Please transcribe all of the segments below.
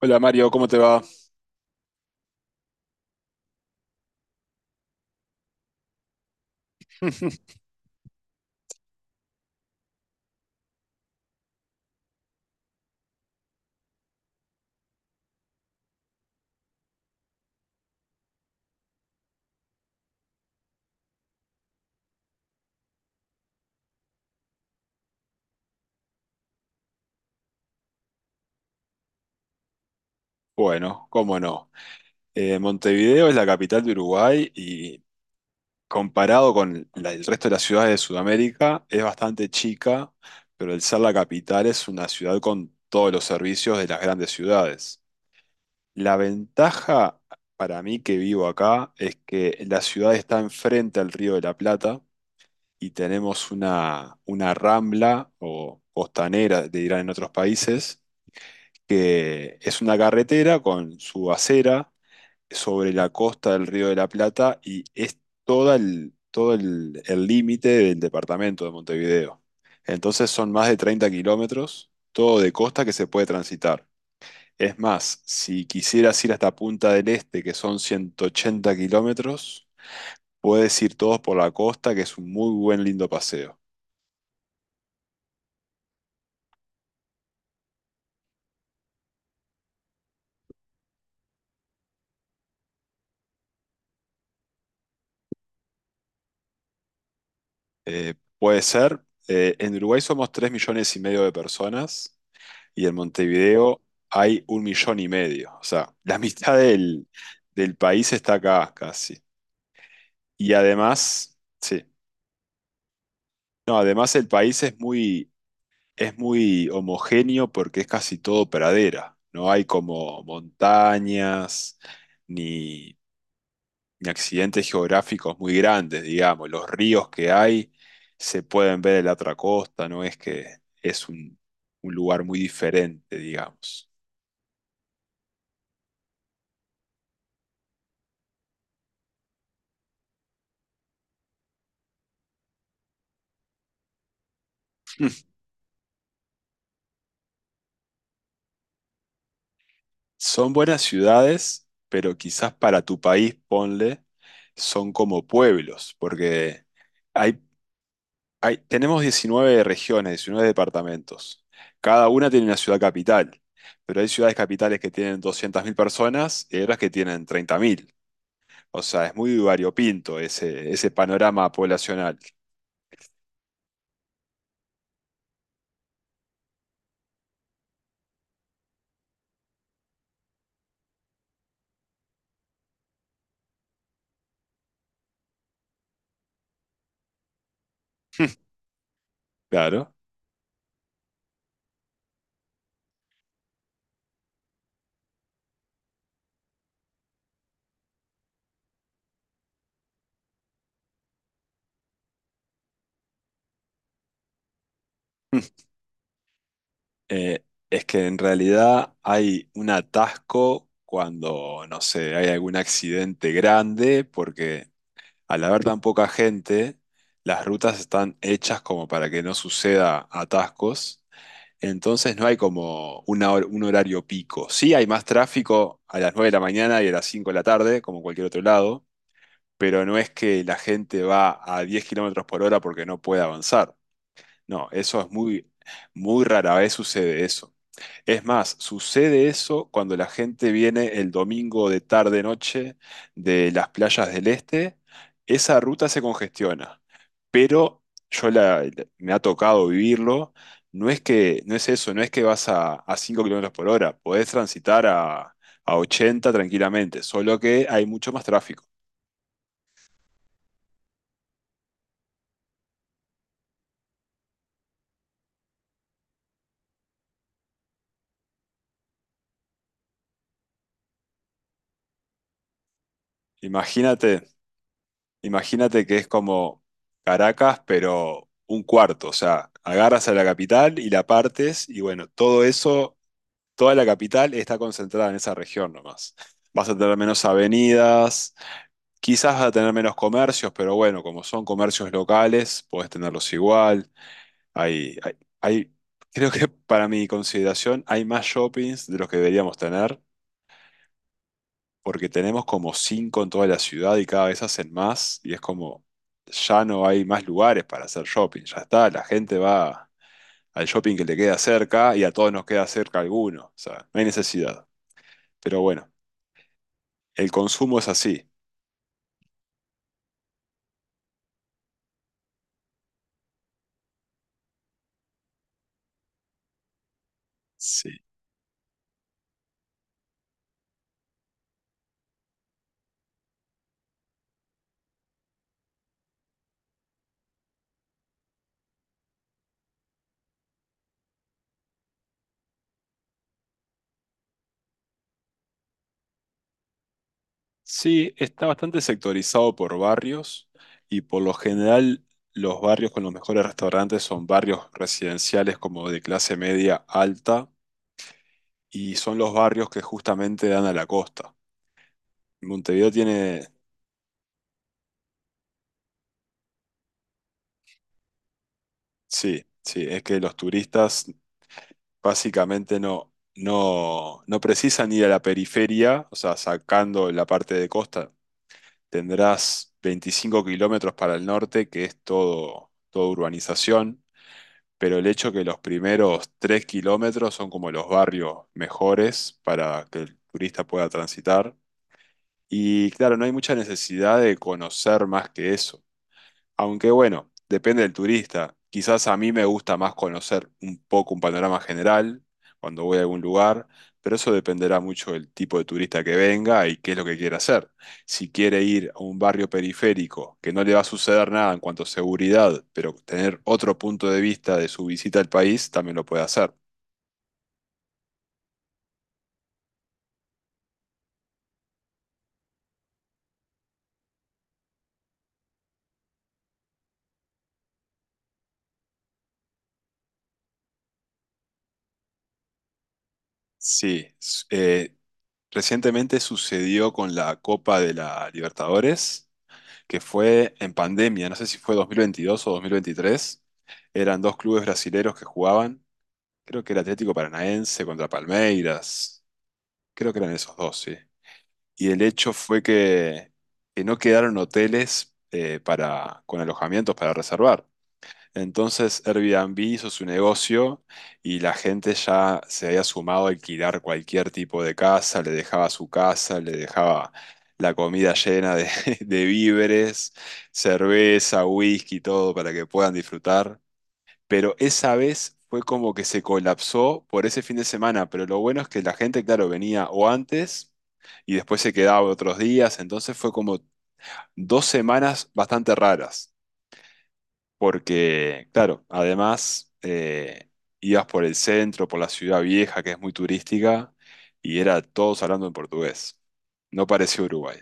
Hola Mario, ¿cómo te va? Bueno, cómo no. Montevideo es la capital de Uruguay y comparado con el resto de las ciudades de Sudamérica es bastante chica, pero el ser la capital es una ciudad con todos los servicios de las grandes ciudades. La ventaja para mí que vivo acá es que la ciudad está enfrente al Río de la Plata y tenemos una rambla o costanera, le dirán en otros países, que es una carretera con su acera sobre la costa del Río de la Plata y es todo el límite del departamento de Montevideo. Entonces son más de 30 kilómetros, todo de costa que se puede transitar. Es más, si quisieras ir hasta Punta del Este, que son 180 kilómetros, puedes ir todos por la costa, que es un muy lindo paseo. Eh, puede ser, en Uruguay somos 3,5 millones de personas y en Montevideo hay 1,5 millones. O sea, la mitad del país está acá casi. Y además, sí, no, además el país es muy homogéneo porque es casi todo pradera. No hay como montañas ni, ni accidentes geográficos muy grandes, digamos. Los ríos que hay se pueden ver en la otra costa, no es que es un lugar muy diferente, digamos. Son buenas ciudades, pero quizás para tu país, ponle, son como pueblos, porque hay, tenemos 19 regiones, 19 departamentos. Cada una tiene una ciudad capital, pero hay ciudades capitales que tienen 200.000 personas y hay otras que tienen 30.000. O sea, es muy variopinto ese panorama poblacional. Claro. Eh, es que en realidad hay un atasco cuando, no sé, hay algún accidente grande, porque al haber tan poca gente, las rutas están hechas como para que no suceda atascos. Entonces no hay como un horario pico. Sí hay más tráfico a las 9 de la mañana y a las 5 de la tarde, como cualquier otro lado, pero no es que la gente va a 10 kilómetros por hora porque no puede avanzar. No, eso es muy, muy rara vez sucede eso. Es más, sucede eso cuando la gente viene el domingo de tarde noche de las playas del este, esa ruta se congestiona. Pero yo la, me ha tocado vivirlo, no es que, no es eso, no es que vas a 5 kilómetros por hora, podés transitar a 80 tranquilamente, solo que hay mucho más tráfico. Imagínate. Imagínate que es como Caracas, pero un cuarto, o sea, agarras a la capital y la partes y bueno, todo eso, toda la capital está concentrada en esa región nomás. Vas a tener menos avenidas, quizás vas a tener menos comercios, pero bueno, como son comercios locales, podés tenerlos igual. Hay, hay, hay- creo que para mi consideración hay más shoppings de los que deberíamos tener, porque tenemos como cinco en toda la ciudad y cada vez hacen más y es como, ya no hay más lugares para hacer shopping, ya está, la gente va al shopping que le queda cerca y a todos nos queda cerca alguno, o sea, no hay necesidad. Pero bueno, el consumo es así. Sí. Sí, está bastante sectorizado por barrios y por lo general los barrios con los mejores restaurantes son barrios residenciales, como de clase media alta, y son los barrios que justamente dan a la costa. Montevideo tiene. Sí, sí, es que los turistas básicamente no precisan ir a la periferia, o sea, sacando la parte de costa, tendrás 25 kilómetros para el norte, que es todo, todo urbanización, pero el hecho que los primeros 3 kilómetros son como los barrios mejores para que el turista pueda transitar. Y claro, no hay mucha necesidad de conocer más que eso. Aunque bueno, depende del turista. Quizás a mí me gusta más conocer un poco un panorama general cuando voy a algún lugar, pero eso dependerá mucho del tipo de turista que venga y qué es lo que quiere hacer. Si quiere ir a un barrio periférico, que no le va a suceder nada en cuanto a seguridad, pero tener otro punto de vista de su visita al país, también lo puede hacer. Sí, recientemente sucedió con la Copa de la Libertadores que fue en pandemia, no sé si fue 2022 o 2023. Eran dos clubes brasileros que jugaban, creo que era Atlético Paranaense contra Palmeiras, creo que eran esos dos, sí. Y el hecho fue que no quedaron hoteles, para, con alojamientos para reservar. Entonces Airbnb hizo su negocio y la gente ya se había sumado a alquilar cualquier tipo de casa, le dejaba su casa, le dejaba la comida llena de, de víveres, cerveza, whisky, todo para que puedan disfrutar. Pero esa vez fue como que se colapsó por ese fin de semana, pero lo bueno es que la gente, claro, venía o antes y después se quedaba otros días, entonces fue como 2 semanas bastante raras. Porque, claro, además ibas por el centro, por la ciudad vieja, que es muy turística, y era todos hablando en portugués. No parecía Uruguay.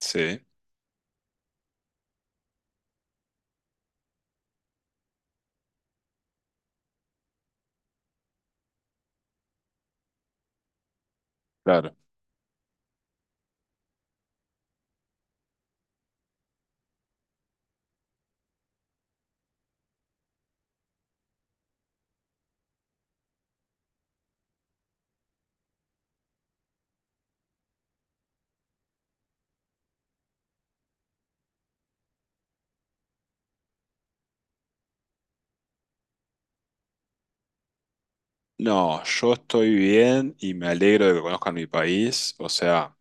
Sí, claro. No, yo estoy bien y me alegro de que conozcan mi país, o sea,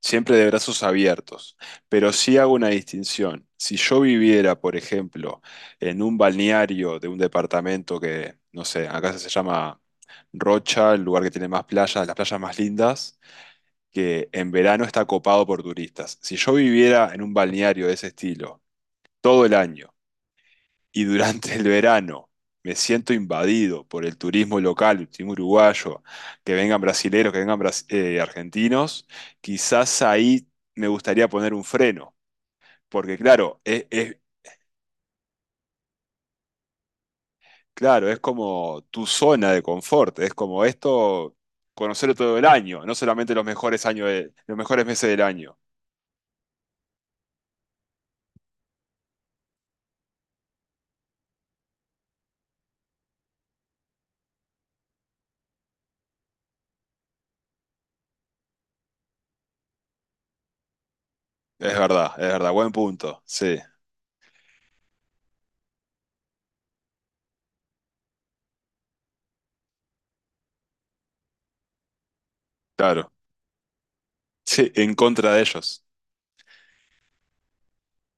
siempre de brazos abiertos, pero sí hago una distinción. Si yo viviera, por ejemplo, en un balneario de un departamento que, no sé, acá se llama Rocha, el lugar que tiene más playas, las playas más lindas, que en verano está copado por turistas. Si yo viviera en un balneario de ese estilo todo el año y durante el verano me siento invadido por el turismo local, el turismo uruguayo, que vengan brasileros, que vengan argentinos, quizás ahí me gustaría poner un freno, porque claro, claro, es como tu zona de confort, es como esto, conocerlo todo el año, no solamente los mejores meses del año. Es verdad, buen punto, sí, claro. Sí, en contra de ellos.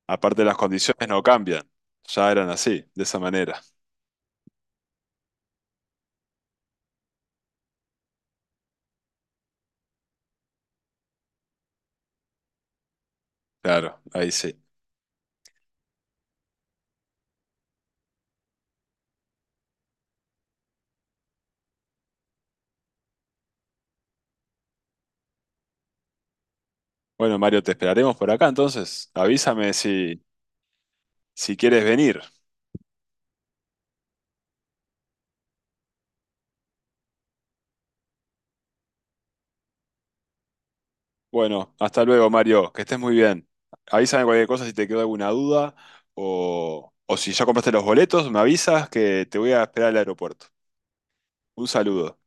Aparte, las condiciones no cambian. Ya eran así, de esa manera. Claro, ahí sí. Bueno, Mario, te esperaremos por acá entonces. Avísame si quieres venir. Bueno, hasta luego, Mario. Que estés muy bien. Avísame cualquier cosa si te quedó alguna duda o si ya compraste los boletos, me avisas que te voy a esperar al aeropuerto. Un saludo.